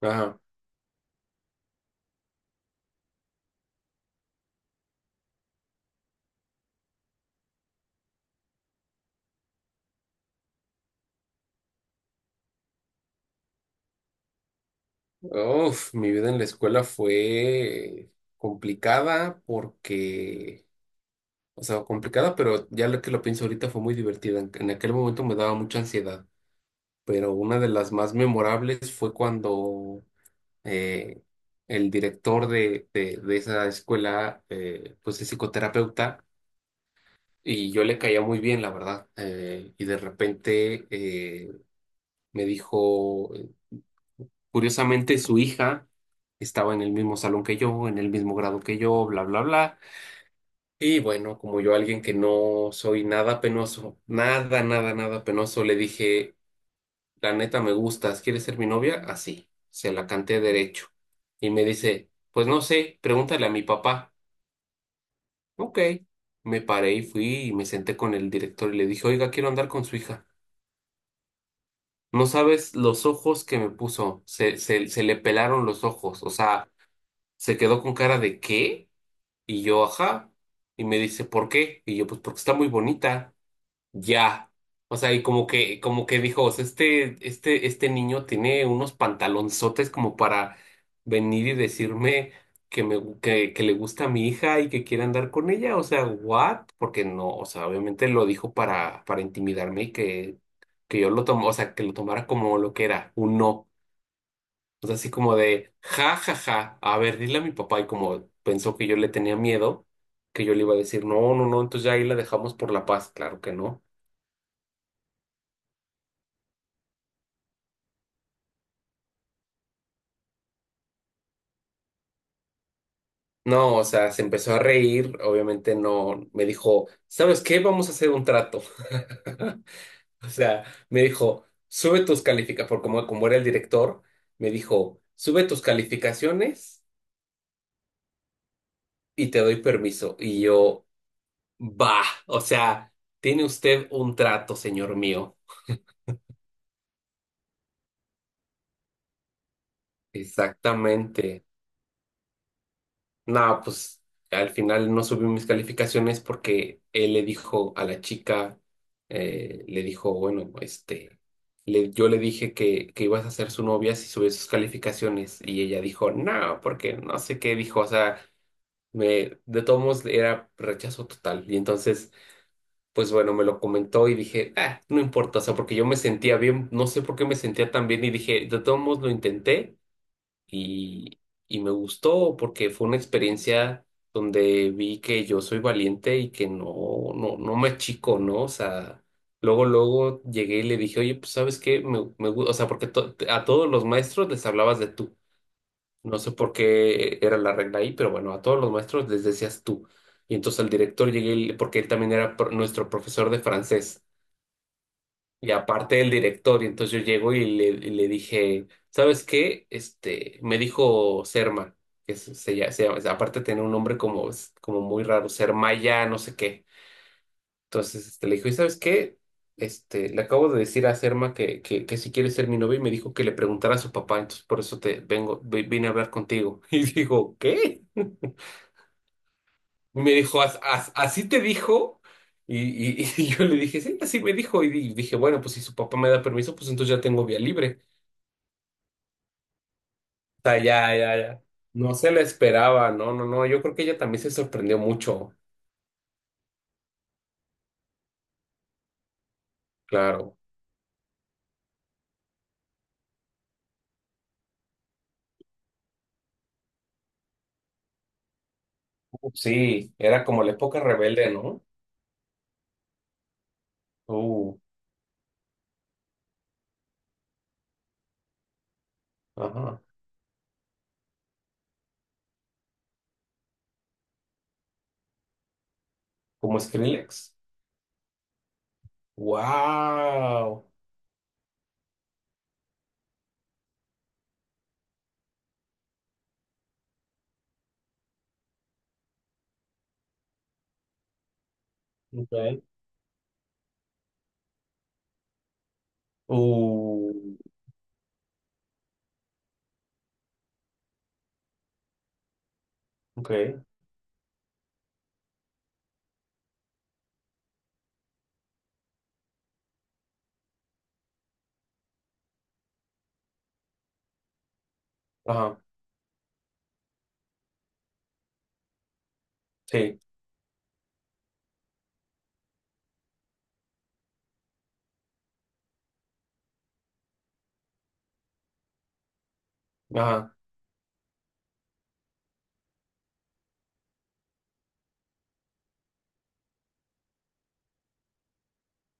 Ajá. Uf, mi vida en la escuela fue complicada porque, o sea, complicada, pero ya lo pienso ahorita fue muy divertida. En aquel momento me daba mucha ansiedad, pero una de las más memorables fue cuando eh, el director de esa escuela, pues es psicoterapeuta, y yo le caía muy bien, la verdad. Y de repente, me dijo. Curiosamente, su hija estaba en el mismo salón que yo, en el mismo grado que yo, bla, bla, bla. Y bueno, como yo, alguien que no soy nada penoso, nada, nada, nada penoso, le dije, la neta me gustas, ¿quieres ser mi novia? Así, se la canté derecho. Y me dice, pues no sé, pregúntale a mi papá. Ok, me paré y fui y me senté con el director y le dije, oiga, quiero andar con su hija. No sabes los ojos que me puso, se le pelaron los ojos, o sea, se quedó con cara de ¿qué? Y yo, ajá. Y me dice, ¿por qué? Y yo, pues porque está muy bonita. Ya. O sea, y como que dijo, o sea, este niño tiene unos pantalonzotes como para venir y decirme que me, gu- que le gusta a mi hija y que quiere andar con ella. O sea, ¿what? Porque no, o sea, obviamente lo dijo para intimidarme y que yo lo tomo, o sea, que lo tomara como lo que era, un no. O sea, así como de, ja, ja, ja, a ver, dile a mi papá, y como pensó que yo le tenía miedo, que yo le iba a decir, no, no, no, entonces ya ahí la dejamos por la paz, claro que no. No, o sea, se empezó a reír, obviamente no, me dijo, ¿sabes qué? Vamos a hacer un trato. O sea, me dijo, sube tus calificaciones, por como era el director, me dijo, sube tus calificaciones y te doy permiso. Y yo, va, o sea, tiene usted un trato, señor mío. Exactamente. No, pues al final no subí mis calificaciones porque él le dijo a la chica, le dijo, bueno, este, yo le dije que ibas a ser su novia si subes sus calificaciones, y ella dijo, no, porque no sé qué dijo, o sea, de todos modos era rechazo total. Y entonces, pues bueno, me lo comentó y dije, ah, no importa, o sea, porque yo me sentía bien, no sé por qué me sentía tan bien, y dije, de todos modos lo intenté y, y me gustó porque fue una experiencia donde vi que yo soy valiente y que no, no, no me achico, ¿no? O sea, luego, luego llegué y le dije, oye, pues ¿sabes qué? O sea, porque a todos los maestros les hablabas de tú. No sé por qué era la regla ahí, pero bueno, a todos los maestros les decías tú. Y entonces al director llegué, porque él también era nuestro profesor de francés. Y aparte el director, y entonces yo llego y le dije, ¿sabes qué? Este, me dijo Serma, que es- se llama- aparte tenía un nombre como muy raro, Sermaya, no sé qué. Entonces este, le dijo, ¿y sabes qué? Este, le acabo de decir a Serma que si quiere ser mi novia, y me dijo que le preguntara a su papá, entonces por eso te vengo, vine a hablar contigo. Y digo, ¿qué? Y me dijo, ¿Así te dijo?" Y yo le dije, sí, así me dijo. Y dije, bueno, pues si su papá me da permiso, pues entonces ya tengo vía libre. O sea, ya, ya, ya. No se la esperaba, no, no, no. Yo creo que ella también se sorprendió mucho, claro. Sí, era como la época rebelde, ¿no? Uh, ajá. Como Skrillex. Wow. Okay. Uh, ok. Ajá. Sí. Ajá.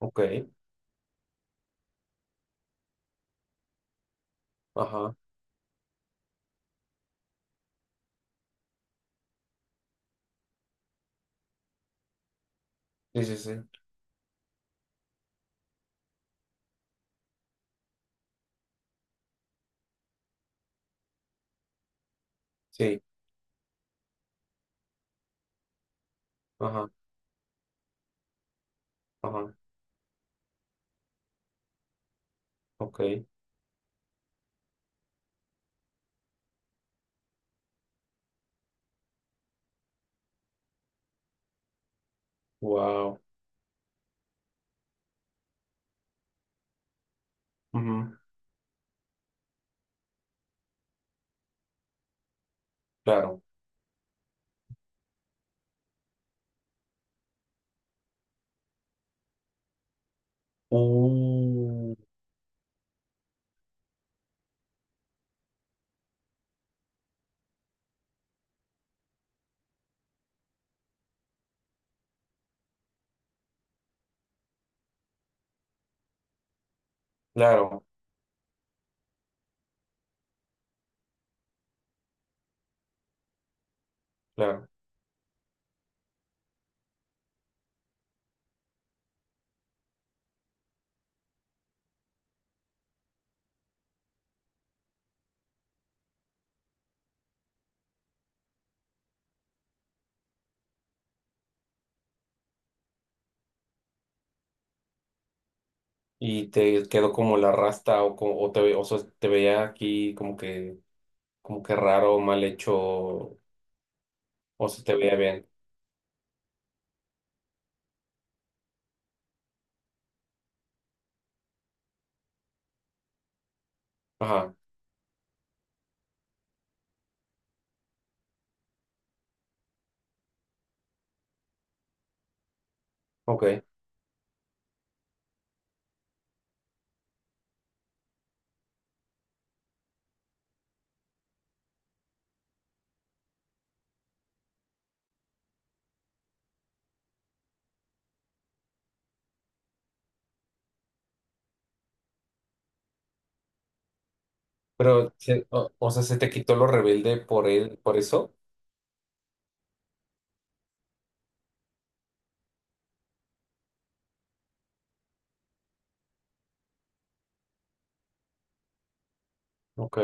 Ok. Ajá. Sí, sí, sí. Sí. Ajá. Ajá. Ok. Wow. Ujú. Claro. Uh, claro, claro. ¿Y te quedó como la rasta o, o sea, te veía aquí como que, raro, mal hecho, o se te veía bien? Ajá, ok. Pero, o sea, se te quitó lo rebelde por él, por eso. Ok.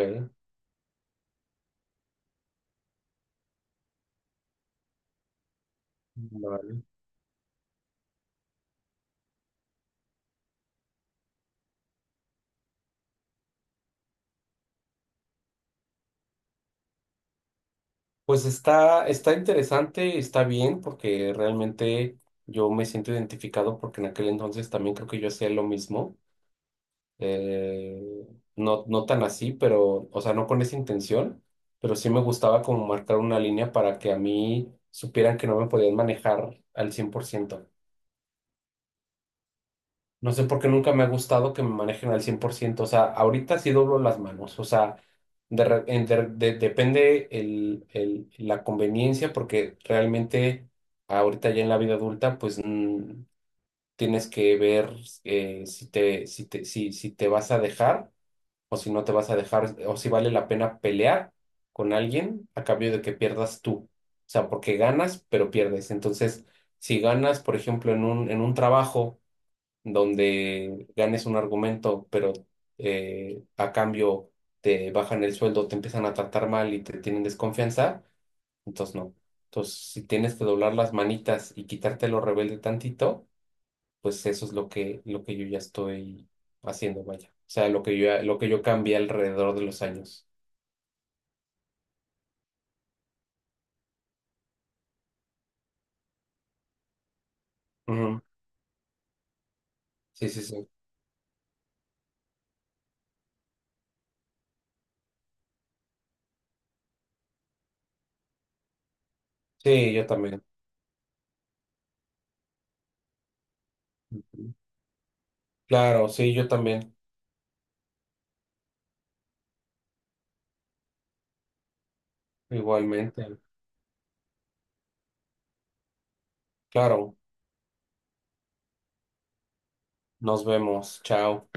Vale. Pues está interesante, está bien, porque realmente yo me siento identificado porque en aquel entonces también creo que yo hacía lo mismo. eh, no, no tan así, pero, o sea, no con esa intención, pero sí me gustaba como marcar una línea para que a mí supieran que no me podían manejar al 100%. No sé por qué nunca me ha gustado que me manejen al 100%, o sea, ahorita sí doblo las manos, o sea, de re- en- de- depende la conveniencia, porque realmente ahorita ya en la vida adulta, pues tienes que ver si te, si te vas a dejar, o si no te vas a dejar, o si vale la pena pelear con alguien a cambio de que pierdas tú. O sea, porque ganas, pero pierdes. Entonces, si ganas, por ejemplo, en un trabajo donde ganes un argumento, pero a cambio te bajan el sueldo, te empiezan a tratar mal y te tienen desconfianza, entonces no. Entonces, si tienes que doblar las manitas y quitarte lo rebelde tantito, pues eso es lo que yo ya estoy haciendo, vaya. O sea, lo que yo cambié alrededor de los años. Ujú. Sí, sí, sí. Sí, yo también. Ujú. Claro, sí, yo también. Igualmente. Claro, nos vemos. Chao.